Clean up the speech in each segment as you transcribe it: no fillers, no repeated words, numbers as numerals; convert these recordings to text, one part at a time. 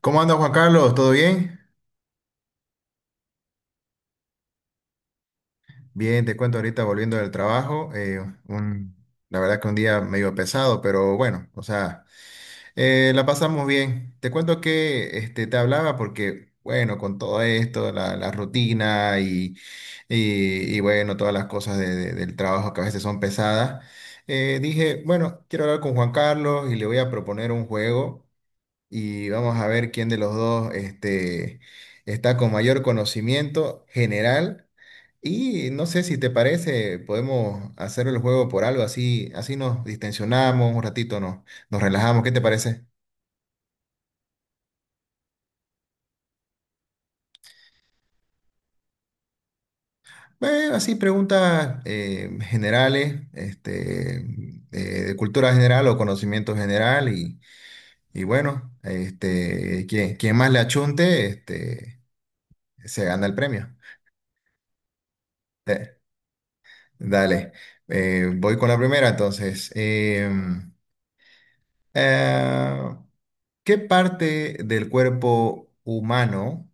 ¿Cómo anda Juan Carlos? ¿Todo bien? Bien, te cuento ahorita volviendo del trabajo. Un- la verdad que un día medio pesado, pero bueno, o sea, la pasamos bien. Te cuento que este, te hablaba porque, bueno, con todo esto, la rutina y, bueno, todas las cosas del trabajo que a veces son pesadas, dije, bueno, quiero hablar con Juan Carlos y le voy a proponer un juego y vamos a ver quién de los dos este, está con mayor conocimiento general. Y no sé si te parece, podemos hacer el juego por algo así, así nos distensionamos un ratito, nos relajamos. ¿Qué te parece? Así preguntas generales, este, de cultura general o conocimiento general y bueno, este, quien más le achunte, este, se gana el premio. Eh, Dale, voy con la primera entonces. Eh, ¿Qué parte del cuerpo humano,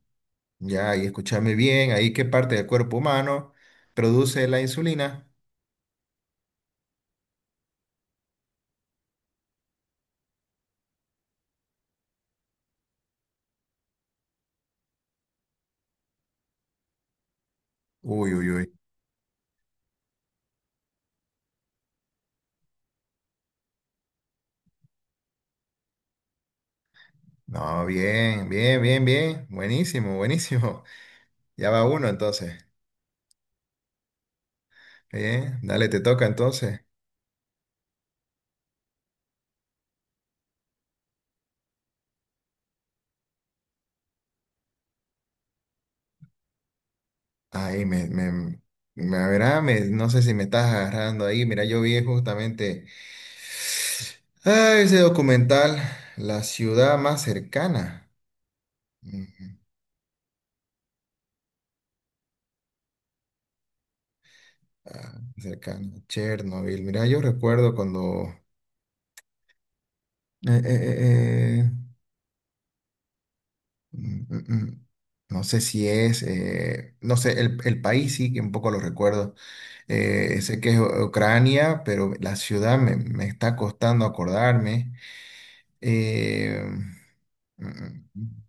ya y escúchame bien, ahí qué parte del cuerpo humano produce la insulina? Uy, uy, uy. No, bien, bien, bien, bien. Buenísimo, buenísimo. Ya va uno entonces. Bien, dale, te toca entonces. Ahí me, a ver, no sé si me estás agarrando ahí. Mira, yo vi justamente. Ese documental, la ciudad más cercana. Ujú. Cercana, a Chernobyl. Mira, yo recuerdo cuando, eh, eh, eh, eh, mm, mm, mm, no sé si es, no sé, el país sí que un poco lo recuerdo. Sé que es Ucrania, pero la ciudad me está costando acordarme. Eh, mm, mm, mm.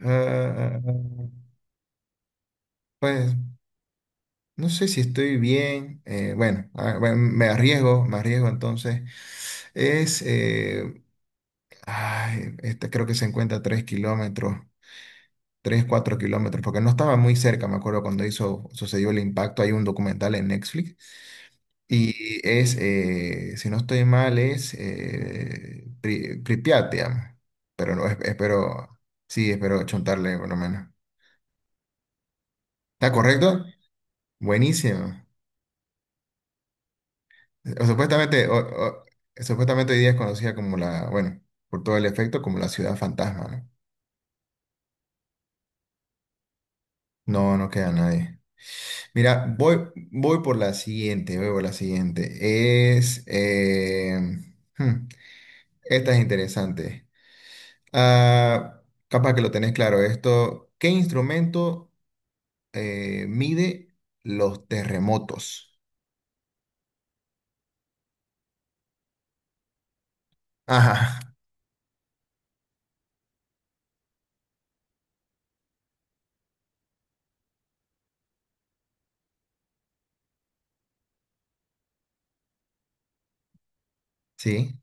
Ah, ah, ah, ah. Pues. No sé si estoy bien. Bueno, bueno, me arriesgo entonces. Es, eh, este creo que se encuentra a 3 kilómetros, 3 4 kilómetros, porque no estaba muy cerca, me acuerdo cuando hizo, sucedió el impacto. Hay un documental en Netflix. Y si no estoy mal, es Pripyat, digamos. Pero no, espero, sí, espero chuntarle por lo menos. ¿Está correcto? Buenísimo. O supuestamente, o- supuestamente hoy día es conocida como la, bueno, por todo el efecto, como la ciudad fantasma, ¿no? No, no queda nadie. Mira, voy por la siguiente, voy por la siguiente. Hmm, Esta es interesante. Ah, Capaz que lo tenés claro esto. ¿Qué instrumento mide los terremotos? Ajá, sí,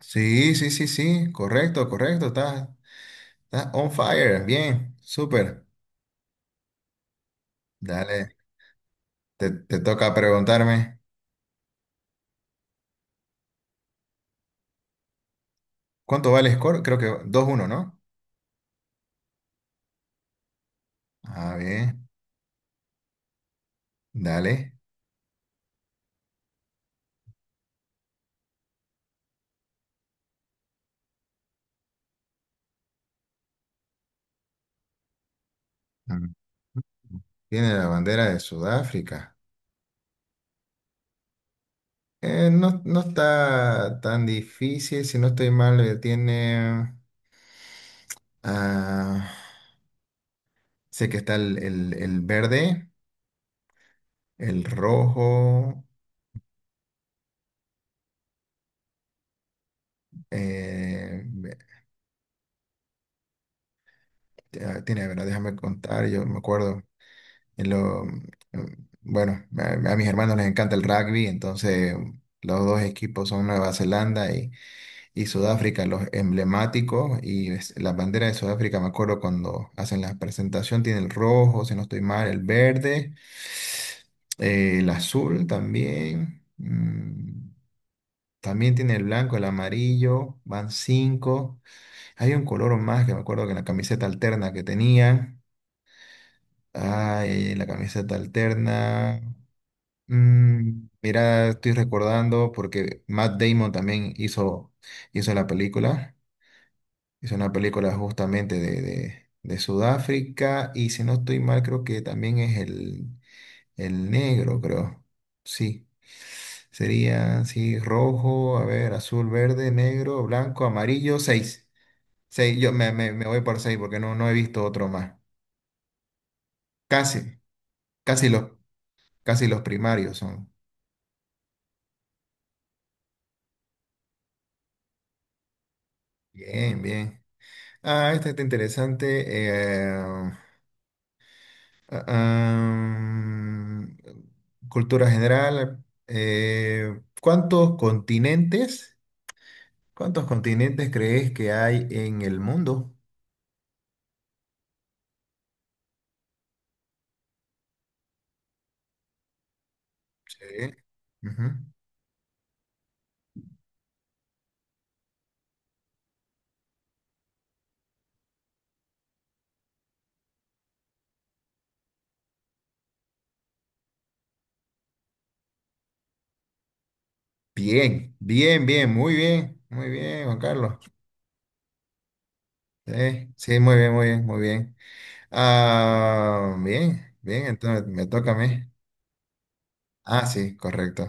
sí, sí, sí, sí, correcto, correcto, está on fire, bien, súper. Dale, te toca preguntarme. ¿Cuánto vale el score? Creo que 2-1, ¿no? Ah, bien, dale. Ah, Tiene la bandera de Sudáfrica. No, no está tan difícil, si no estoy mal, tiene... ah, sé que está el verde, el rojo. eh, ve- Tiene, a ver, déjame contar, yo me acuerdo. en lo- bueno, a mis hermanos les encanta el rugby, entonces los dos equipos son Nueva Zelanda y Sudáfrica, los emblemáticos. La bandera de Sudáfrica, me acuerdo cuando hacen la presentación, tiene el rojo, si no estoy mal, el verde, el azul también. También tiene el blanco, el amarillo, van cinco. Hay un color más que me acuerdo que en la camiseta alterna que tenían. Ay, la camiseta alterna. Mira, estoy recordando porque Matt Damon también hizo la película. Hizo una película justamente de Sudáfrica. Y si no estoy mal, creo que también es el negro, creo. Sí. Sería, sí, rojo, a ver, azul, verde, negro, blanco, amarillo, seis. Seis, yo me voy por seis porque no, no he visto otro más. Casi, casi los, casi los primarios son. Bien, bien. Esta está interesante. Ah, Cultura general. Cuántos continentes crees que hay en el mundo? Sí. Ujú. Bien, bien, bien, muy bien, muy bien, Juan Carlos. Sí, sí, muy bien, muy bien, muy bien. Bien, bien, entonces me toca a mí. Sí, correcto.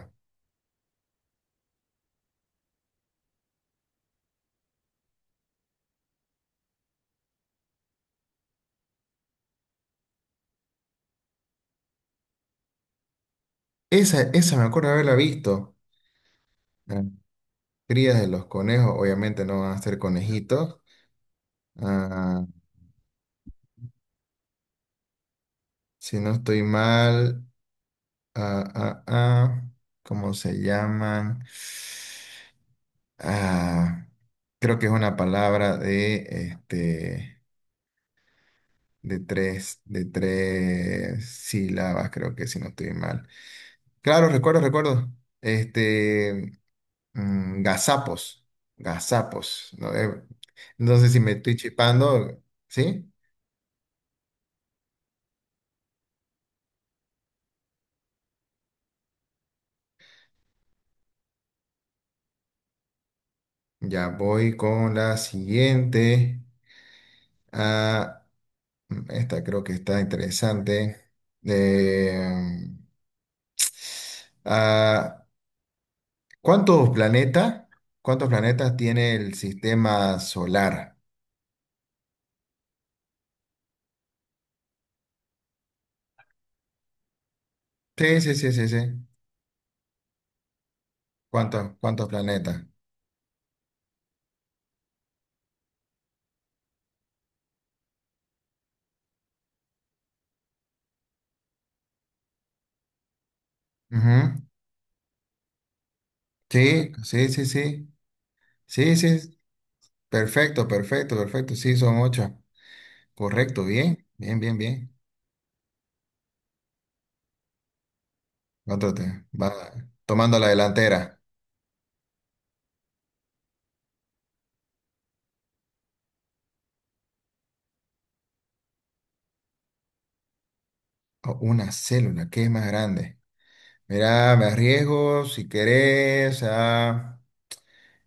Esa me acuerdo haberla visto. Crías de los conejos, obviamente no van a ser conejitos. Ah, si no estoy mal, ah, ah, ah, ¿cómo se llaman? Ah, Creo que es una palabra de, este, de tres sílabas, creo que si no estoy mal. Claro, recuerdo, recuerdo. Este, gazapos, gazapos. No. No sé si me estoy chipando, ¿sí? Ya voy con la siguiente. Ah, Esta creo que está interesante. Eh, mm, ah, ¿cuántos planetas, cuántos planetas tiene el sistema solar? Sí, sí, sí, sí, sí. ¿Cuántos planetas? Ujú. Sí, sí, sí, sí. Sí, sí. Perfecto, perfecto, perfecto. Sí, son ocho. Correcto, bien, bien, bien, bien. Otro te va tomando la delantera. Oh, una célula, ¿qué es más grande? Mira, me arriesgo si querés. ah,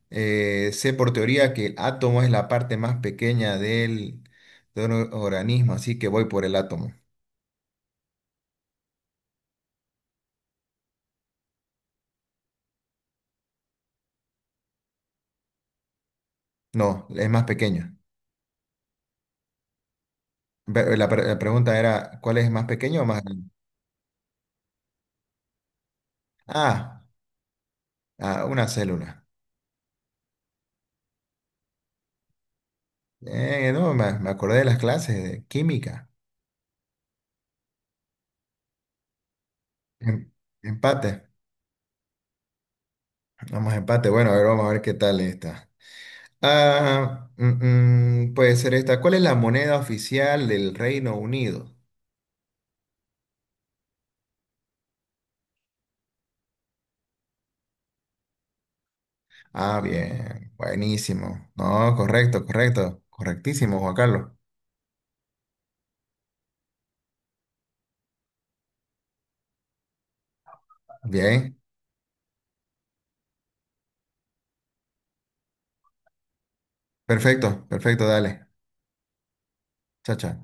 eh, Sé por teoría que el átomo es la parte más pequeña de un organismo, así que voy por el átomo. No, es más pequeño. La pregunta era, ¿cuál es más pequeño o más grande? Ah, una célula. No, me acordé de las clases de química. Em- Empate. Vamos a empate. Bueno, a ver, vamos a ver qué tal está. Puede ser esta. ¿Cuál es la moneda oficial del Reino Unido? Bien, buenísimo. No, correcto, correcto, correctísimo, Juan Carlos. Bien, perfecto, perfecto, dale. Chao, chao.